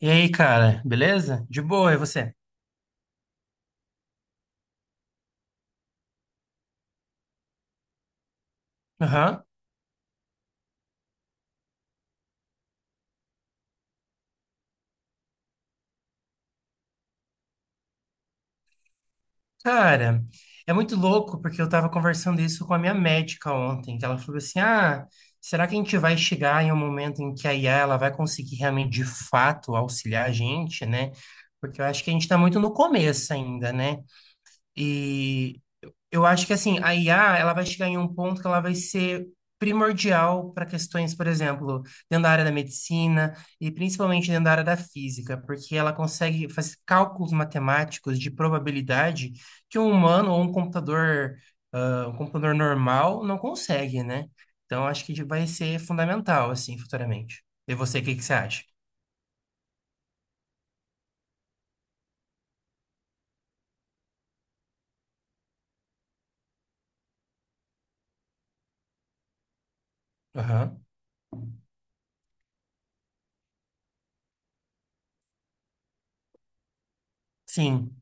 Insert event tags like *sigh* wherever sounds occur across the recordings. E aí, cara, beleza? De boa, e você? Aham. Cara, é muito louco porque eu tava conversando isso com a minha médica ontem, que ela falou assim: "Ah, será que a gente vai chegar em um momento em que a IA ela vai conseguir realmente de fato auxiliar a gente, né? Porque eu acho que a gente tá muito no começo ainda, né?" E Eu acho que assim, a IA, ela vai chegar em um ponto que ela vai ser primordial para questões, por exemplo, dentro da área da medicina e principalmente dentro da área da física, porque ela consegue fazer cálculos matemáticos de probabilidade que um humano ou um computador, um computador normal não consegue, né? Então, acho que vai ser fundamental, assim, futuramente. E você, o que que você acha? Aham. Sim.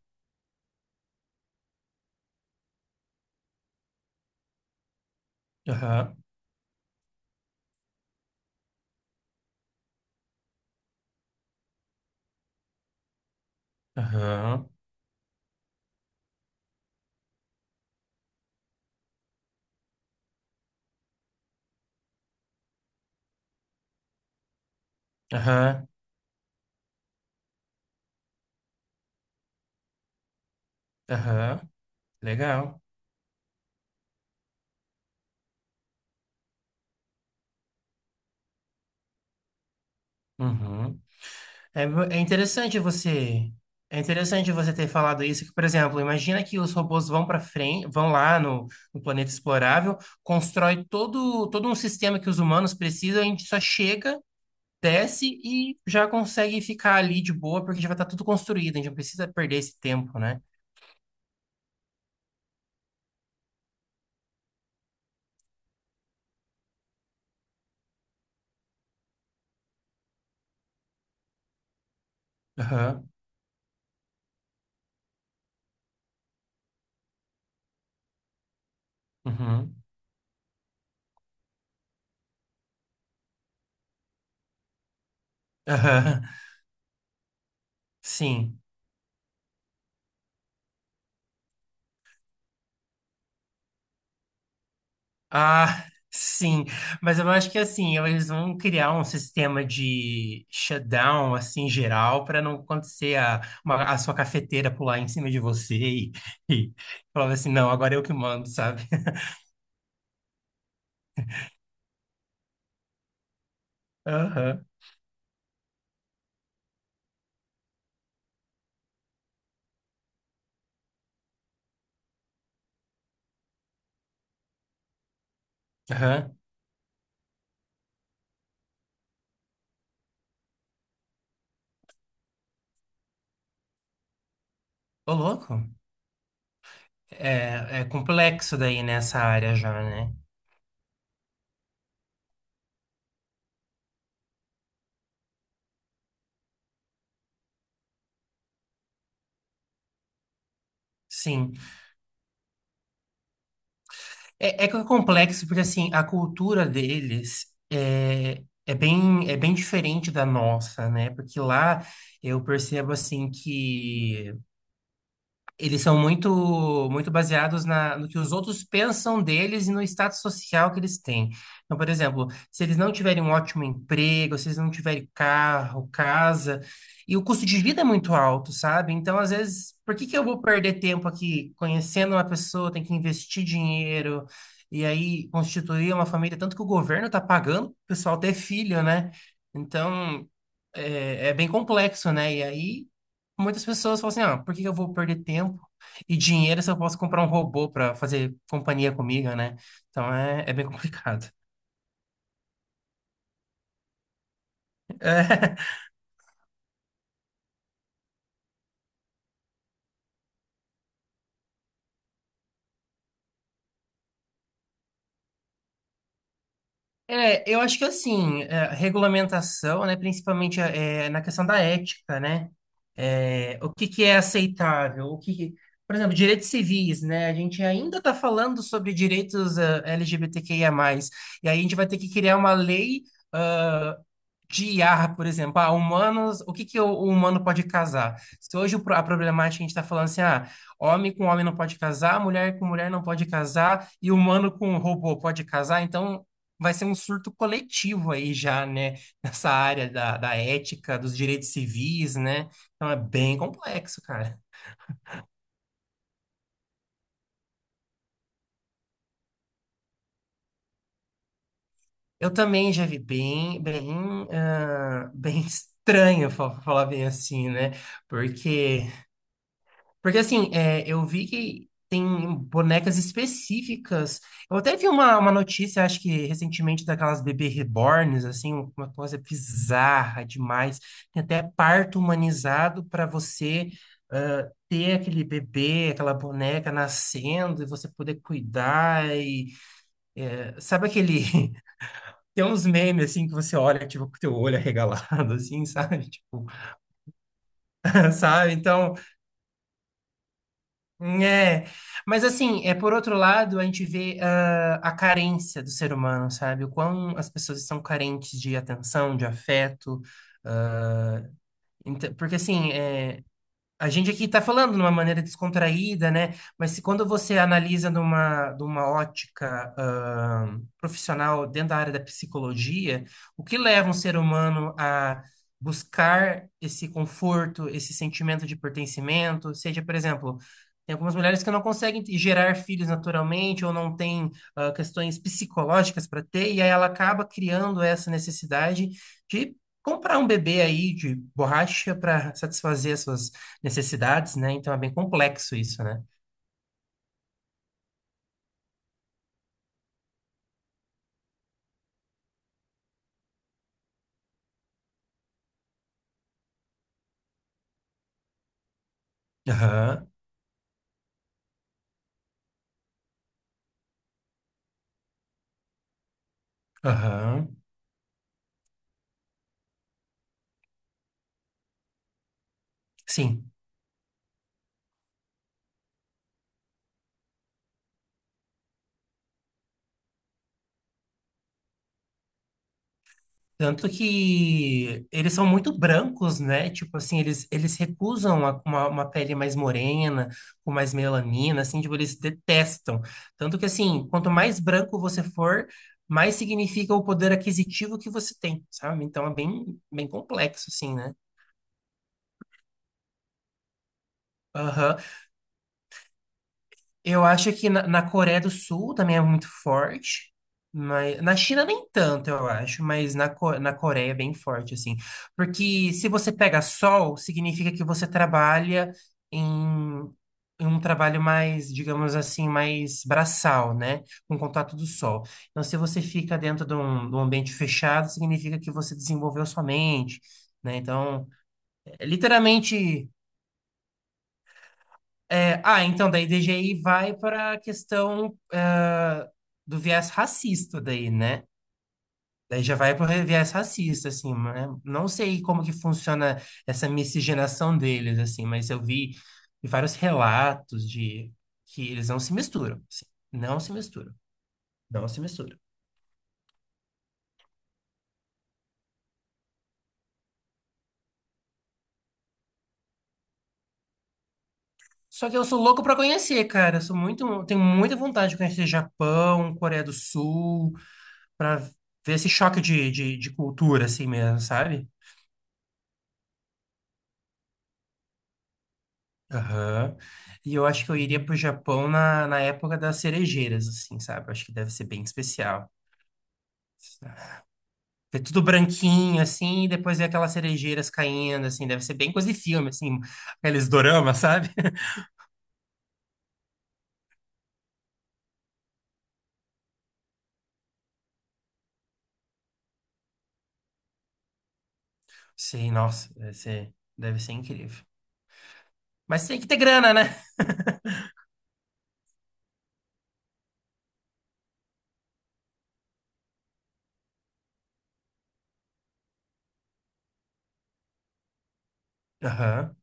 Aham. Aham. Aham. Aham. Legal. É, mu- é interessante você, é interessante você ter falado isso, que, por exemplo, imagina que os robôs vão para frente, vão lá no, no planeta explorável, constrói todo, todo um sistema que os humanos precisam, a gente só chega, desce e já consegue ficar ali de boa, porque já vai estar tudo construído, a gente não precisa perder esse tempo, né? Aham, uhum, aham, *laughs* sim. Ah, *laughs* sim. Mas eu acho que assim, eles vão criar um sistema de shutdown assim geral para não acontecer a sua cafeteira pular em cima de você e, *laughs* e falar assim, não, agora eu que mando, sabe? *laughs* Aham. Aham. Ô, louco. É, é complexo daí nessa área já, né? Sim. É, é que é complexo, porque assim, a cultura deles é bem diferente da nossa, né? Porque lá eu percebo assim que eles são muito muito baseados no que os outros pensam deles e no status social que eles têm. Então, por exemplo, se eles não tiverem um ótimo emprego, se eles não tiverem carro, casa, e o custo de vida é muito alto, sabe? Então, às vezes, por que que eu vou perder tempo aqui conhecendo uma pessoa, tem que investir dinheiro e aí constituir uma família, tanto que o governo está pagando o pessoal ter filho, né? Então, é bem complexo, né? E aí muitas pessoas falam assim, ah, por que que eu vou perder tempo e dinheiro se eu posso comprar um robô para fazer companhia comigo, né? Então é bem complicado. *laughs* É, eu acho que assim, regulamentação, né, principalmente é na questão da ética, né? É, o que que é aceitável? Por exemplo, direitos civis, né? A gente ainda está falando sobre direitos LGBTQIA+, e aí a gente vai ter que criar uma lei ah, de IAR, por exemplo. Ah, humanos, o que que o humano pode casar? Se hoje a problemática a gente está falando assim, ah, homem com homem não pode casar, mulher com mulher não pode casar, e humano com robô pode casar, então vai ser um surto coletivo aí já, né? *laughs* Nessa área da ética, dos direitos civis, né? Então é bem complexo, cara. Eu também já vi bem, bem, *laughs* bem estranho, falar bem assim, né? Porque, porque assim, é, eu vi que tem bonecas específicas. Eu até vi uma notícia, acho que recentemente, daquelas bebê reborns, assim, uma coisa bizarra demais. Tem até parto humanizado para você. Ah, ter aquele bebê, aquela boneca nascendo e você poder cuidar e sabe aquele *laughs* Tem uns memes, assim, que você olha, tipo, com o teu olho arregalado, *laughs* assim, sabe? Tipo, *laughs* sabe? Então, é... Mas, assim, é, por outro lado, a gente vê a carência do ser humano, sabe? O quão as pessoas estão carentes de atenção, de afeto. ah, porque, assim, é, a gente aqui está falando de uma maneira descontraída, né? Mas se quando você analisa numa ótica, profissional dentro da área da psicologia, o que leva um ser humano a buscar esse conforto, esse sentimento de pertencimento, seja, por exemplo, tem algumas mulheres que não conseguem gerar filhos naturalmente ou não têm, questões psicológicas para ter, e aí ela acaba criando essa necessidade de comprar um bebê aí de borracha para satisfazer as suas necessidades, né? Então é bem complexo isso, né? Aham, aham. Sim. Tanto que eles são muito brancos, né? Tipo assim, eles recusam uma pele mais morena, com mais melanina, assim, tipo, eles detestam. Tanto que, assim, quanto mais branco você for, mais significa o poder aquisitivo que você tem, sabe? Então é bem, bem complexo, assim, né? Aham. Eu acho que na Coreia do Sul também é muito forte, mas na China nem tanto, eu acho, mas na, na Coreia é bem forte, assim. Porque se você pega sol, significa que você trabalha em, em um trabalho mais, digamos assim, mais braçal, né? Com contato do sol. Então, se você fica dentro de de um ambiente fechado, significa que você desenvolveu sua mente, né? Então, é literalmente. Então, daí DGI vai para a questão do viés racista daí, né? Daí já vai para o viés racista, assim, né? Não sei como que funciona essa miscigenação deles, assim, mas eu vi vários relatos de que eles não se misturam, assim, não se misturam, não se misturam. Só que eu sou louco para conhecer, cara. Eu sou muito, tenho muita vontade de conhecer Japão, Coreia do Sul, para ver esse choque de cultura, assim mesmo, sabe? Aham. E eu acho que eu iria pro Japão na época das cerejeiras, assim, sabe? Eu acho que deve ser bem especial. Ver tudo branquinho, assim, e depois ver aquelas cerejeiras caindo, assim, deve ser bem coisa de filme, assim, aqueles doramas, sabe? *laughs* Sim, nossa, deve ser incrível. Mas tem que ter grana, né? Aham.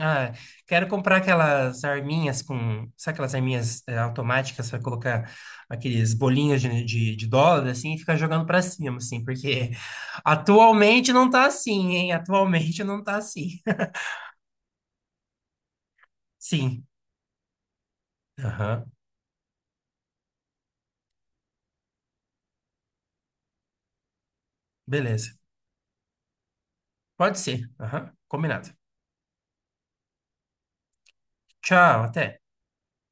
Ah, quero comprar aquelas arminhas com. Sabe aquelas arminhas automáticas para colocar aqueles bolinhos de dólar, assim, e ficar jogando para cima, assim, porque *laughs* atualmente não tá assim, hein? Atualmente não tá assim. *laughs* Sim. Aham. Beleza. Pode ser. Aham. Combinado. Tchau, até.